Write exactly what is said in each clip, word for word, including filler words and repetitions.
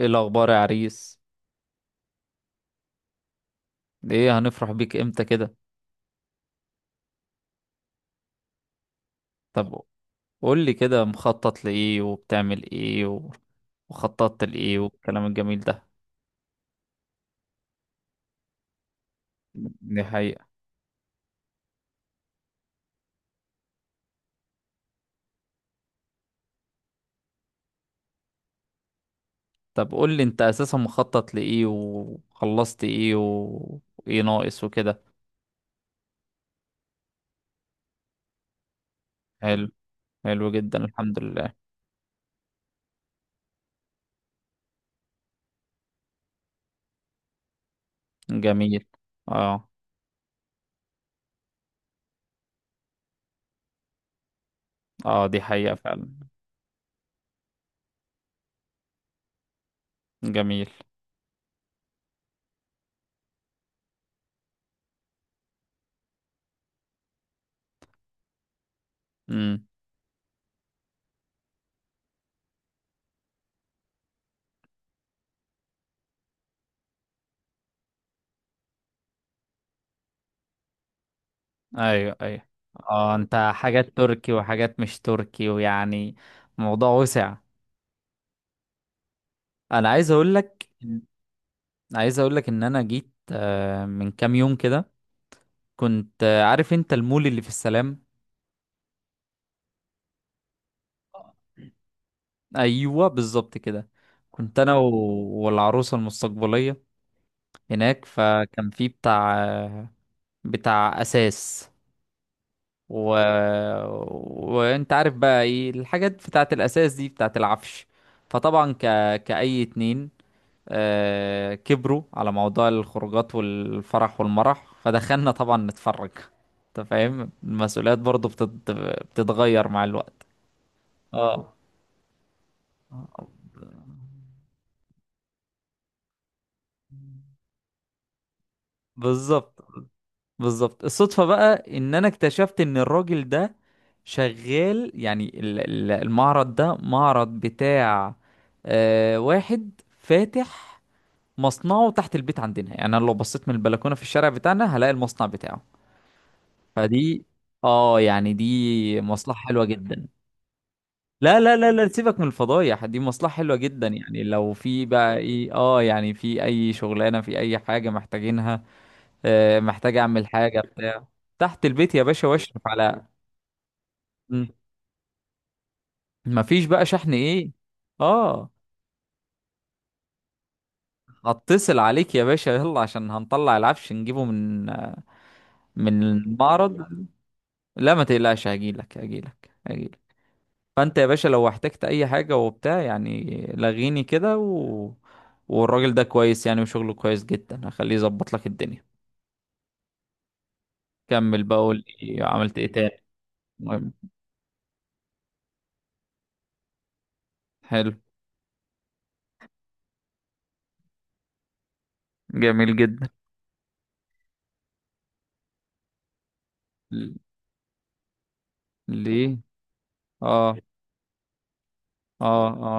ايه الاخبار يا عريس؟ ايه هنفرح بيك امتى كده؟ طب قول لي كده مخطط لايه وبتعمل ايه و... وخططت لايه والكلام الجميل ده؟ دي حقيقة. طب قول لي انت اساسا مخطط لايه وخلصت ايه و- وايه ناقص وكده؟ حلو. حلو جدا الحمد لله. جميل. اه. اه دي حقيقة فعلا. جميل. امم. ايوه ايوه. اه انت حاجات تركي وحاجات مش تركي ويعني الموضوع وسع. انا عايز اقول لك عايز اقول لك ان انا جيت آه، من كام يوم كده. كنت آه، عارف انت المول اللي في السلام. ايوه بالظبط كده. كنت انا و- والعروسه المستقبليه هناك. فكان في بتاع آه، بتاع اساس و... وانت عارف بقى ايه الحاجات بتاعت الاساس دي بتاعت العفش. فطبعا ك... كأي اتنين آه، كبروا على موضوع الخروجات والفرح والمرح، فدخلنا طبعا نتفرج. انت فاهم المسؤوليات برضو بتت... بتتغير مع الوقت. اه بالظبط. بالظبط الصدفة بقى ان انا اكتشفت ان الراجل ده شغال، يعني ال- ال- المعرض ده معرض بتاع آه، واحد فاتح مصنعه تحت البيت عندنا، يعني انا لو بصيت من البلكونة في الشارع بتاعنا هلاقي المصنع بتاعه. فدي اه يعني دي مصلحة حلوة جدا. لا لا لا لا، سيبك من الفضايح. دي مصلحة حلوة جدا، يعني لو في بقى ايه اه يعني في اي شغلانة في اي حاجة محتاجينها. آه محتاج اعمل حاجة بتاع تحت البيت يا باشا واشرف على. مم. مفيش بقى شحن ايه؟ اه، هتصل عليك يا باشا، يلا عشان هنطلع العفش نجيبه من من المعرض. لا ما تقلقش، هجيلك هجيلك هجيلك. فانت يا باشا لو احتجت اي حاجة وبتاع يعني لغيني كده و... والراجل ده كويس يعني وشغله كويس جدا، هخليه يظبط لك الدنيا. كمل بقى، قول لي عملت ايه تاني. المهم. حلو. جميل جدا. ل- ليه؟ اه اه اه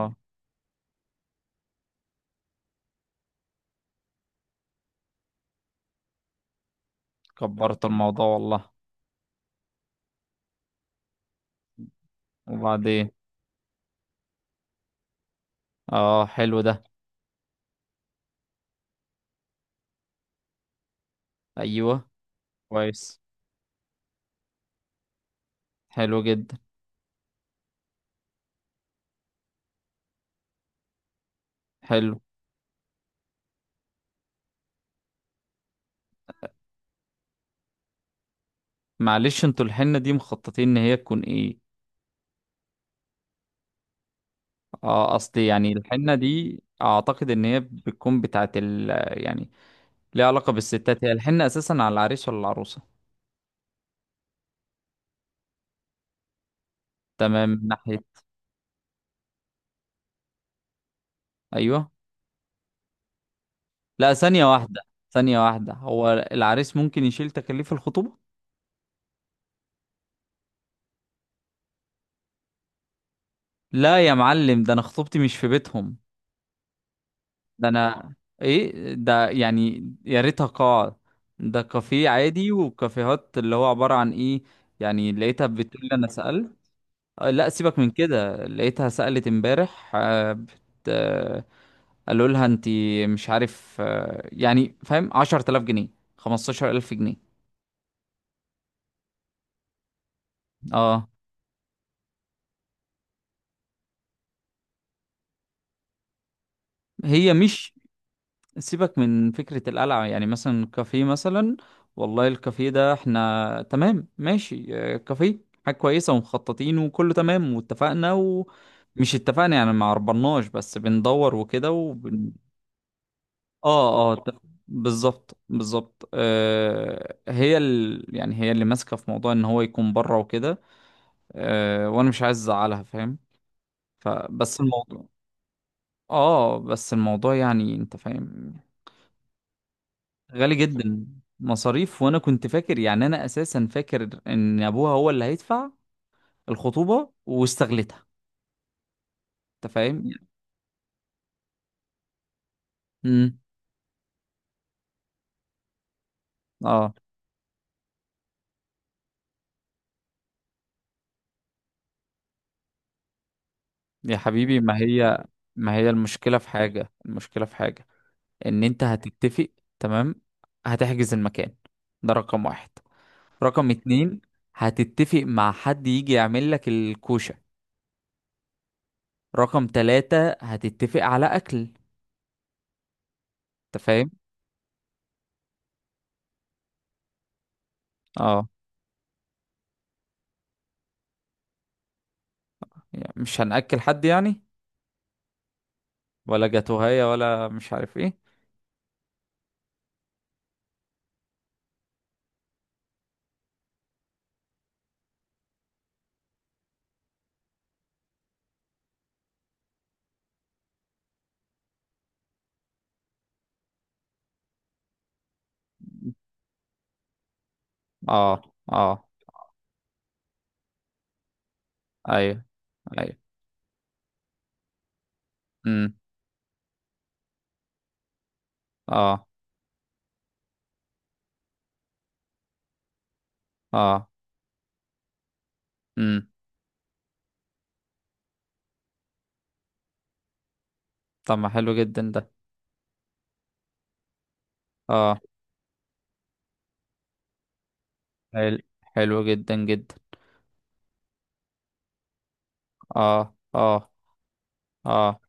كبرت الموضوع والله. وبعدين اه حلو ده. ايوه. كويس. حلو جدا حلو. معلش، انتوا الحنة دي مخططين ان هي تكون ايه؟ اه، اصلي يعني الحنة دي اعتقد ان هي بتكون بتاعت ال. يعني، ليه علاقة بالستات، هي الحنة أساسا على العريس ولا العروسة؟ تمام من ناحية. أيوه. لا، ثانية واحدة. ثانية واحدة، هو العريس ممكن يشيل تكاليف الخطوبة؟ لا يا معلم، ده أنا خطوبتي مش في بيتهم. ده أنا. إيه ده يعني، يا ريتها قاعة. ده كافيه عادي وكافيهات اللي هو عبارة عن إيه. يعني لقيتها بتقول لي، أنا سألت آه، لا سيبك من كده. لقيتها سألت امبارح، آه، بت... آه، قالوا لها انت مش عارف، آه، يعني فاهم، عشرتلاف جنيه، خمستاشر ألف جنيه. اه هي مش. سيبك من فكرة القلعة، يعني مثلا كافيه مثلا. والله الكافيه ده احنا تمام ماشي، آه، كافيه. حاجة كويسة ومخططين وكله تمام، واتفقنا ومش اتفقنا يعني، ما عربناش بس بندور وكده. اه اه ده- بالظبط بالظبط، آه هي ال. يعني هي اللي ماسكه في موضوع ان هو يكون بره وكده. آه وانا مش عايز ازعلها، فاهم؟ فبس الموضوع. اه بس الموضوع يعني انت فاهم. غالي جدا. مصاريف، وانا كنت فاكر، يعني انا اساسا فاكر ان ابوها هو اللي هيدفع الخطوبه واستغلتها، انت فاهم. امم. اه. يا حبيبي ما هي. ما هي المشكله في حاجه، المشكله في حاجه ان انت هتتفق. تمام، هتحجز المكان، ده رقم واحد. رقم اتنين، هتتفق مع حد يجي يعمل لك الكوشة. رقم تلاتة، هتتفق على اكل. انت فاهم. اه يعني مش هنأكل حد يعني، ولا جاتوهية ولا مش عارف ايه. اه اه. ايوه ايوه. امم. اه اه. امم. طب ما حلو جدا ده. اه. حلو حلو جدا جدا. اه اه اه.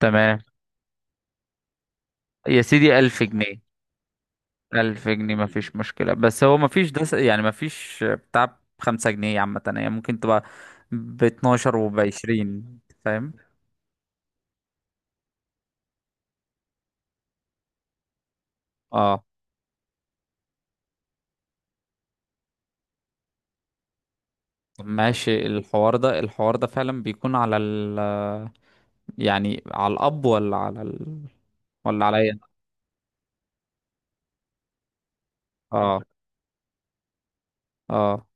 تمام. يا سيدي ألف جنيه. ألف جنيه مفيش مشكلة، بس هو مفيش ده س- يعني مفيش بتاع بخمسة جنيه عامة، يعني ممكن تبقى باتناشر وبعشرين. فاهم. اه طب ماشي. الحوار ده الحوار ده فعلا بيكون على ال، يعني على الاب ولا على ال، ولا عليا أنا؟ اه اه.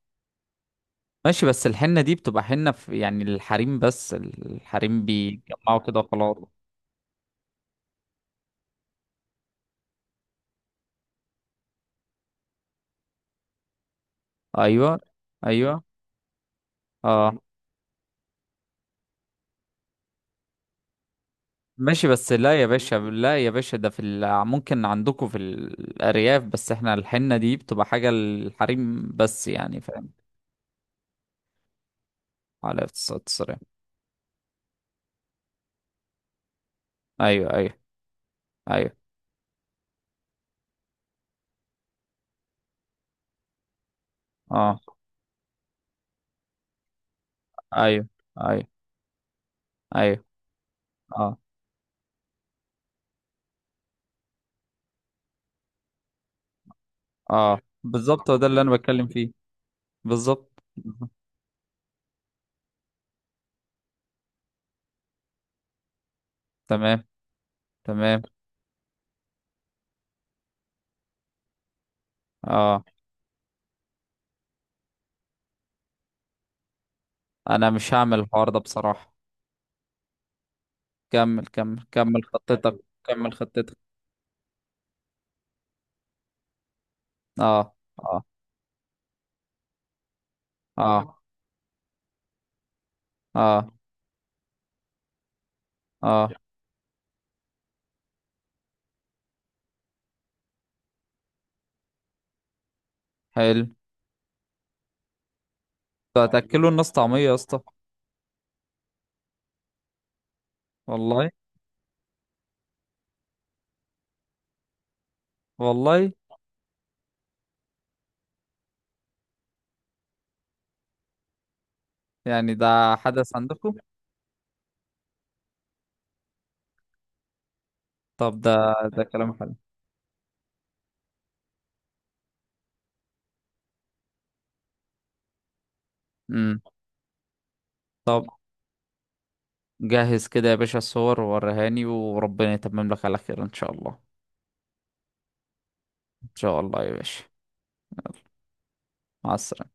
ماشي، بس الحنة دي بتبقى حنة في يعني الحريم بس، الحريم بيجمعوا كده خلاص. ايوه ايوه. اه. ماشي بس لا يا باشا، لا يا باشا، ده في ال. ممكن عندكم في الأرياف، بس احنا الحنة دي بتبقى حاجة الحريم بس يعني، فاهم. على اقتصاد السريع. ايوه ايوه ايوه. اه. ايوه ايوه ايوه. اه اه بالظبط، هو ده اللي انا بتكلم فيه. بالظبط. تمام تمام. اه انا مش هعمل الحوار ده بصراحة. كمل كمل كمل خطتك. كمل خطتك. اه اه اه اه اه حلو. هتاكلوا الناس طعمية يا اسطى؟ والله. والله يعني ده حدث عندكم؟ طب ده. ده كلام حلو. امم. طب، جهز كده يا باشا الصور ووريهاني، وربنا يتمم لك على خير ان شاء الله. ان شاء الله يا باشا. مع السلامة.